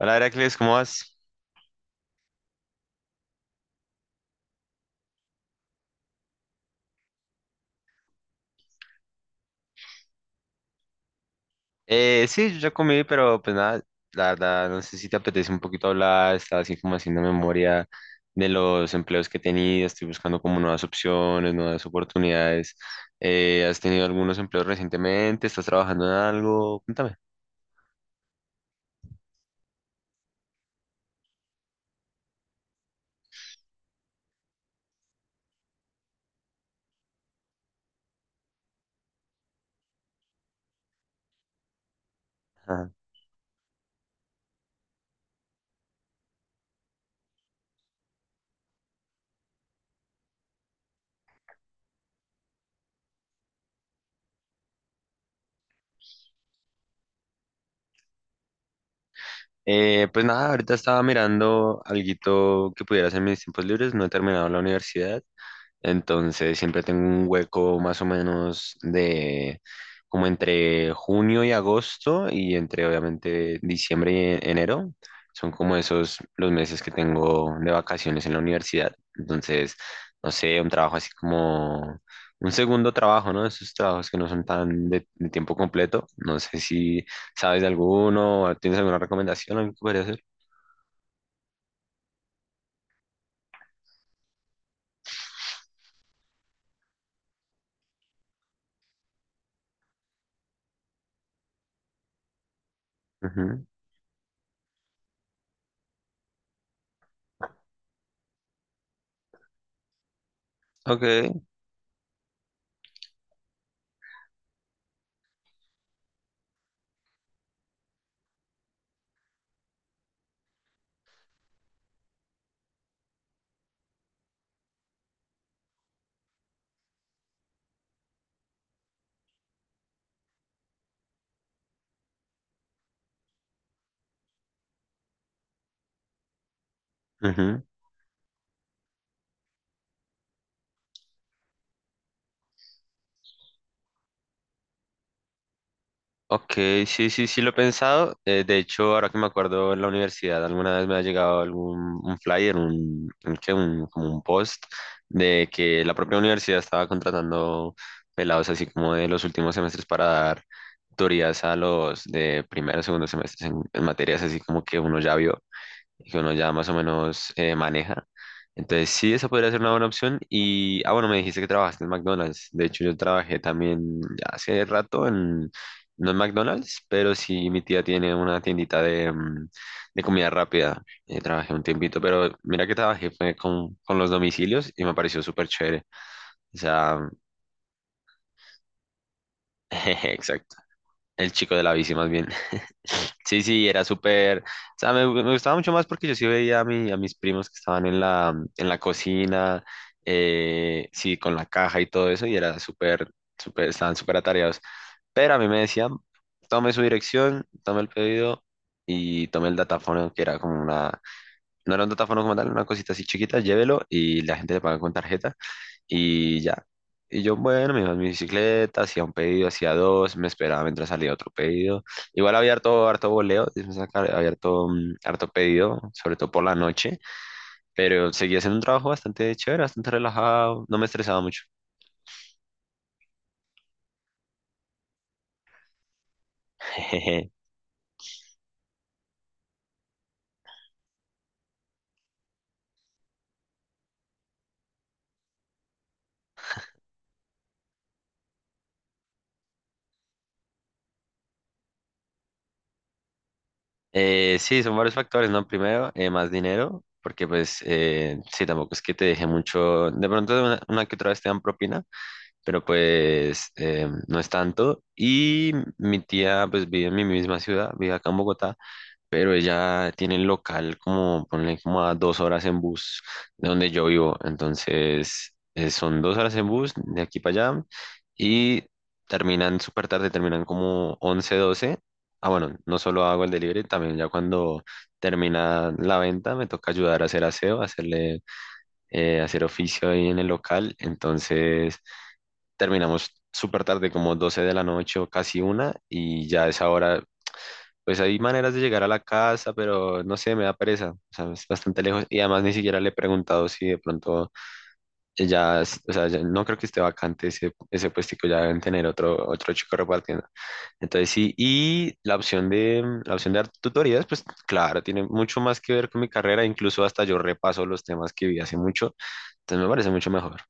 Hola, Heracles, ¿cómo vas? Sí, yo ya comí, pero pues nada, la verdad, no sé si te apetece un poquito hablar, estaba así como haciendo memoria de los empleos que he tenido, estoy buscando como nuevas opciones, nuevas oportunidades. ¿Has tenido algunos empleos recientemente? ¿Estás trabajando en algo? Cuéntame. Ajá. Pues nada, ahorita estaba mirando alguito que pudiera hacer en mis tiempos libres, no he terminado la universidad. Entonces siempre tengo un hueco más o menos de como entre junio y agosto y entre obviamente diciembre y enero. Son como esos los meses que tengo de vacaciones en la universidad. Entonces, no sé, un trabajo así como un segundo trabajo, ¿no? Esos trabajos que no son tan de tiempo completo. No sé si sabes de alguno, o tienes alguna recomendación, algo que podría hacer. Ujú. Ok. Ujú. Ok, sí lo he pensado. De hecho, ahora que me acuerdo en la universidad, alguna vez me ha llegado algún un flyer, como un post de que la propia universidad estaba contratando pelados así como de los últimos semestres para dar tutorías a los de primero o segundo semestres en materias así como que uno ya vio y que uno ya más o menos maneja. Entonces, sí, esa podría ser una buena opción. Y, ah, bueno, me dijiste que trabajaste en McDonald's. De hecho, yo trabajé también ya hace rato en, no en McDonald's, pero sí, mi tía tiene una tiendita de, de comida rápida. Trabajé un tiempito, pero mira que trabajé fue con los domicilios y me pareció súper chévere. O sea, jeje, exacto. El chico de la bici más bien. Sí, sí, era súper, o sea, me gustaba mucho más porque yo sí veía a, a mis primos que estaban en la cocina, sí, con la caja y todo eso, y era súper, súper, estaban súper atareados. Pero a mí me decían, tome su dirección, tome el pedido y tome el datafono, que era como una, no era un datafono como tal, una cosita así chiquita, llévelo y la gente le paga con tarjeta. Y ya. Y yo, bueno, me iba en mi bicicleta, hacía un pedido, hacía dos, me esperaba mientras salía otro pedido. Igual había harto, harto boleo, digamos acá, había harto, harto pedido, sobre todo por la noche, pero seguía haciendo un trabajo bastante chévere, bastante relajado, no me estresaba mucho. Sí, son varios factores, ¿no? Primero, más dinero, porque pues sí, tampoco es que te deje mucho, de pronto una que otra vez te dan propina, pero pues no es tanto. Y mi tía pues vive en mi misma ciudad, vive acá en Bogotá, pero ella tiene el local como, ponle como a dos horas en bus de donde yo vivo. Entonces son dos horas en bus de aquí para allá y terminan súper tarde, terminan como 11 doce. Ah, bueno, no solo hago el delivery, también ya cuando termina la venta me toca ayudar a hacer aseo, hacerle, hacer oficio ahí en el local. Entonces, terminamos súper tarde, como 12 de la noche o casi una, y ya a esa hora, pues hay maneras de llegar a la casa, pero no sé, me da pereza, o sea, es bastante lejos, y además ni siquiera le he preguntado si de pronto ya, o sea, ya no creo que esté vacante ese puestico, ya deben tener otro, otro chico repartiendo. Entonces sí, y la opción de dar tutorías, pues claro, tiene mucho más que ver con mi carrera, incluso hasta yo repaso los temas que vi hace mucho, entonces me parece mucho mejor.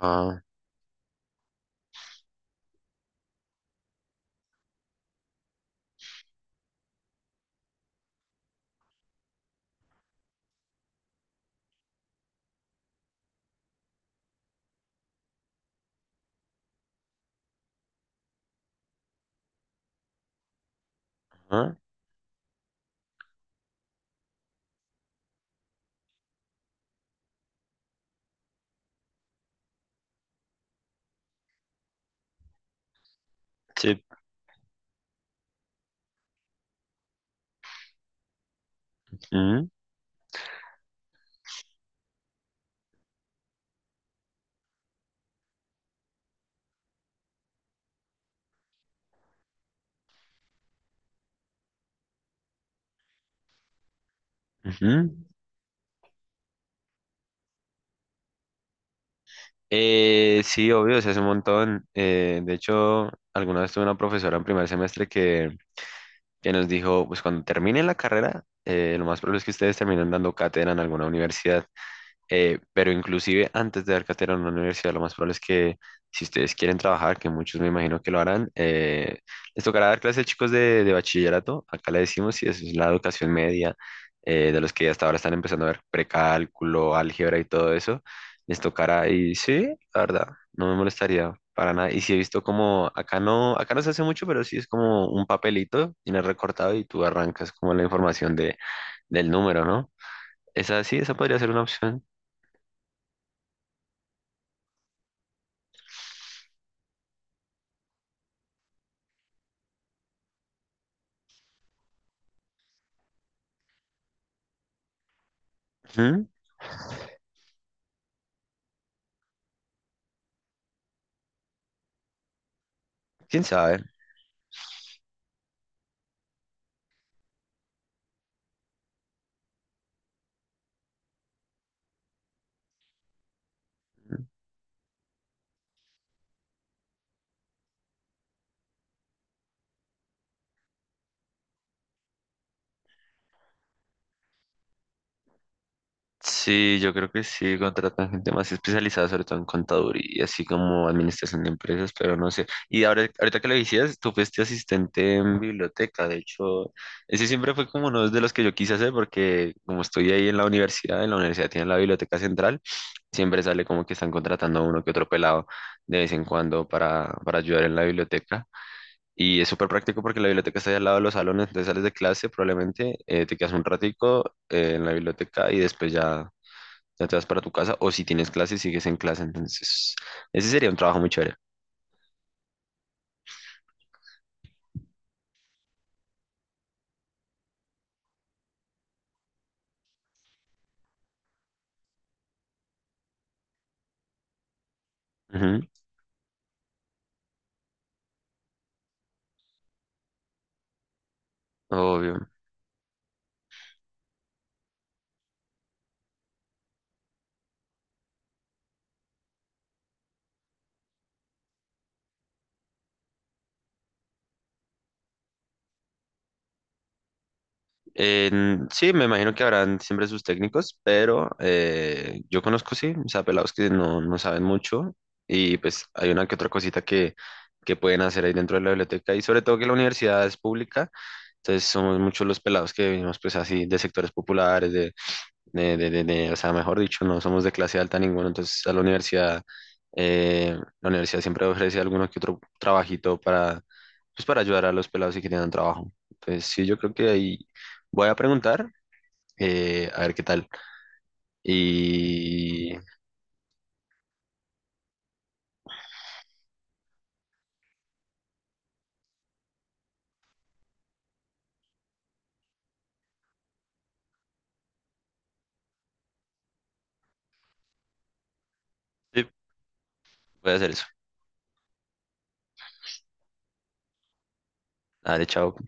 Ah, ah, sí. Mm, ujú. Sí, obvio, se hace un montón. De hecho, alguna vez tuve una profesora en primer semestre que nos dijo, pues cuando terminen la carrera, lo más probable es que ustedes terminen dando cátedra en alguna universidad. Pero inclusive antes de dar cátedra en una universidad, lo más probable es que si ustedes quieren trabajar, que muchos me imagino que lo harán, les tocará dar clases a chicos de bachillerato, acá le decimos, y eso es la educación media, de los que hasta ahora están empezando a ver precálculo, álgebra y todo eso, les tocará, y sí, la verdad, no me molestaría para nada, y si he visto como, acá no se hace mucho, pero sí es como un papelito, tienes recortado y tú arrancas como la información de, del número, ¿no? Esa sí, esa podría ser una opción. ¿Quién sabe? Sí, yo creo que sí, contratan gente más especializada, sobre todo en contaduría, así como administración de empresas, pero no sé. Y ahora, ahorita que lo decías, tú fuiste asistente en biblioteca, de hecho, ese siempre fue como uno de los que yo quise hacer, porque como estoy ahí en la universidad tienen la biblioteca central, siempre sale como que están contratando a uno que otro pelado de vez en cuando para ayudar en la biblioteca. Y es súper práctico porque la biblioteca está ahí al lado de los salones, entonces sales de clase probablemente, te quedas un ratico en la biblioteca y después ya, ya te vas para tu casa o si tienes clase sigues en clase, entonces ese sería un trabajo muy chévere. Ujú, obvio. Sí, me imagino que habrán siempre sus técnicos, pero yo conozco, sí, o sea, pelados que no saben mucho y pues hay una que otra cosita que pueden hacer ahí dentro de la biblioteca y sobre todo que la universidad es pública. Entonces somos muchos los pelados que venimos pues así de sectores populares, o sea, mejor dicho, no somos de clase alta ninguno, entonces a eh, la universidad siempre ofrece alguno que otro trabajito para, pues para ayudar a los pelados si quieren un trabajo. Entonces sí, yo creo que ahí voy a preguntar, a ver qué tal, y sí, voy a hacer eso. Dale, chao.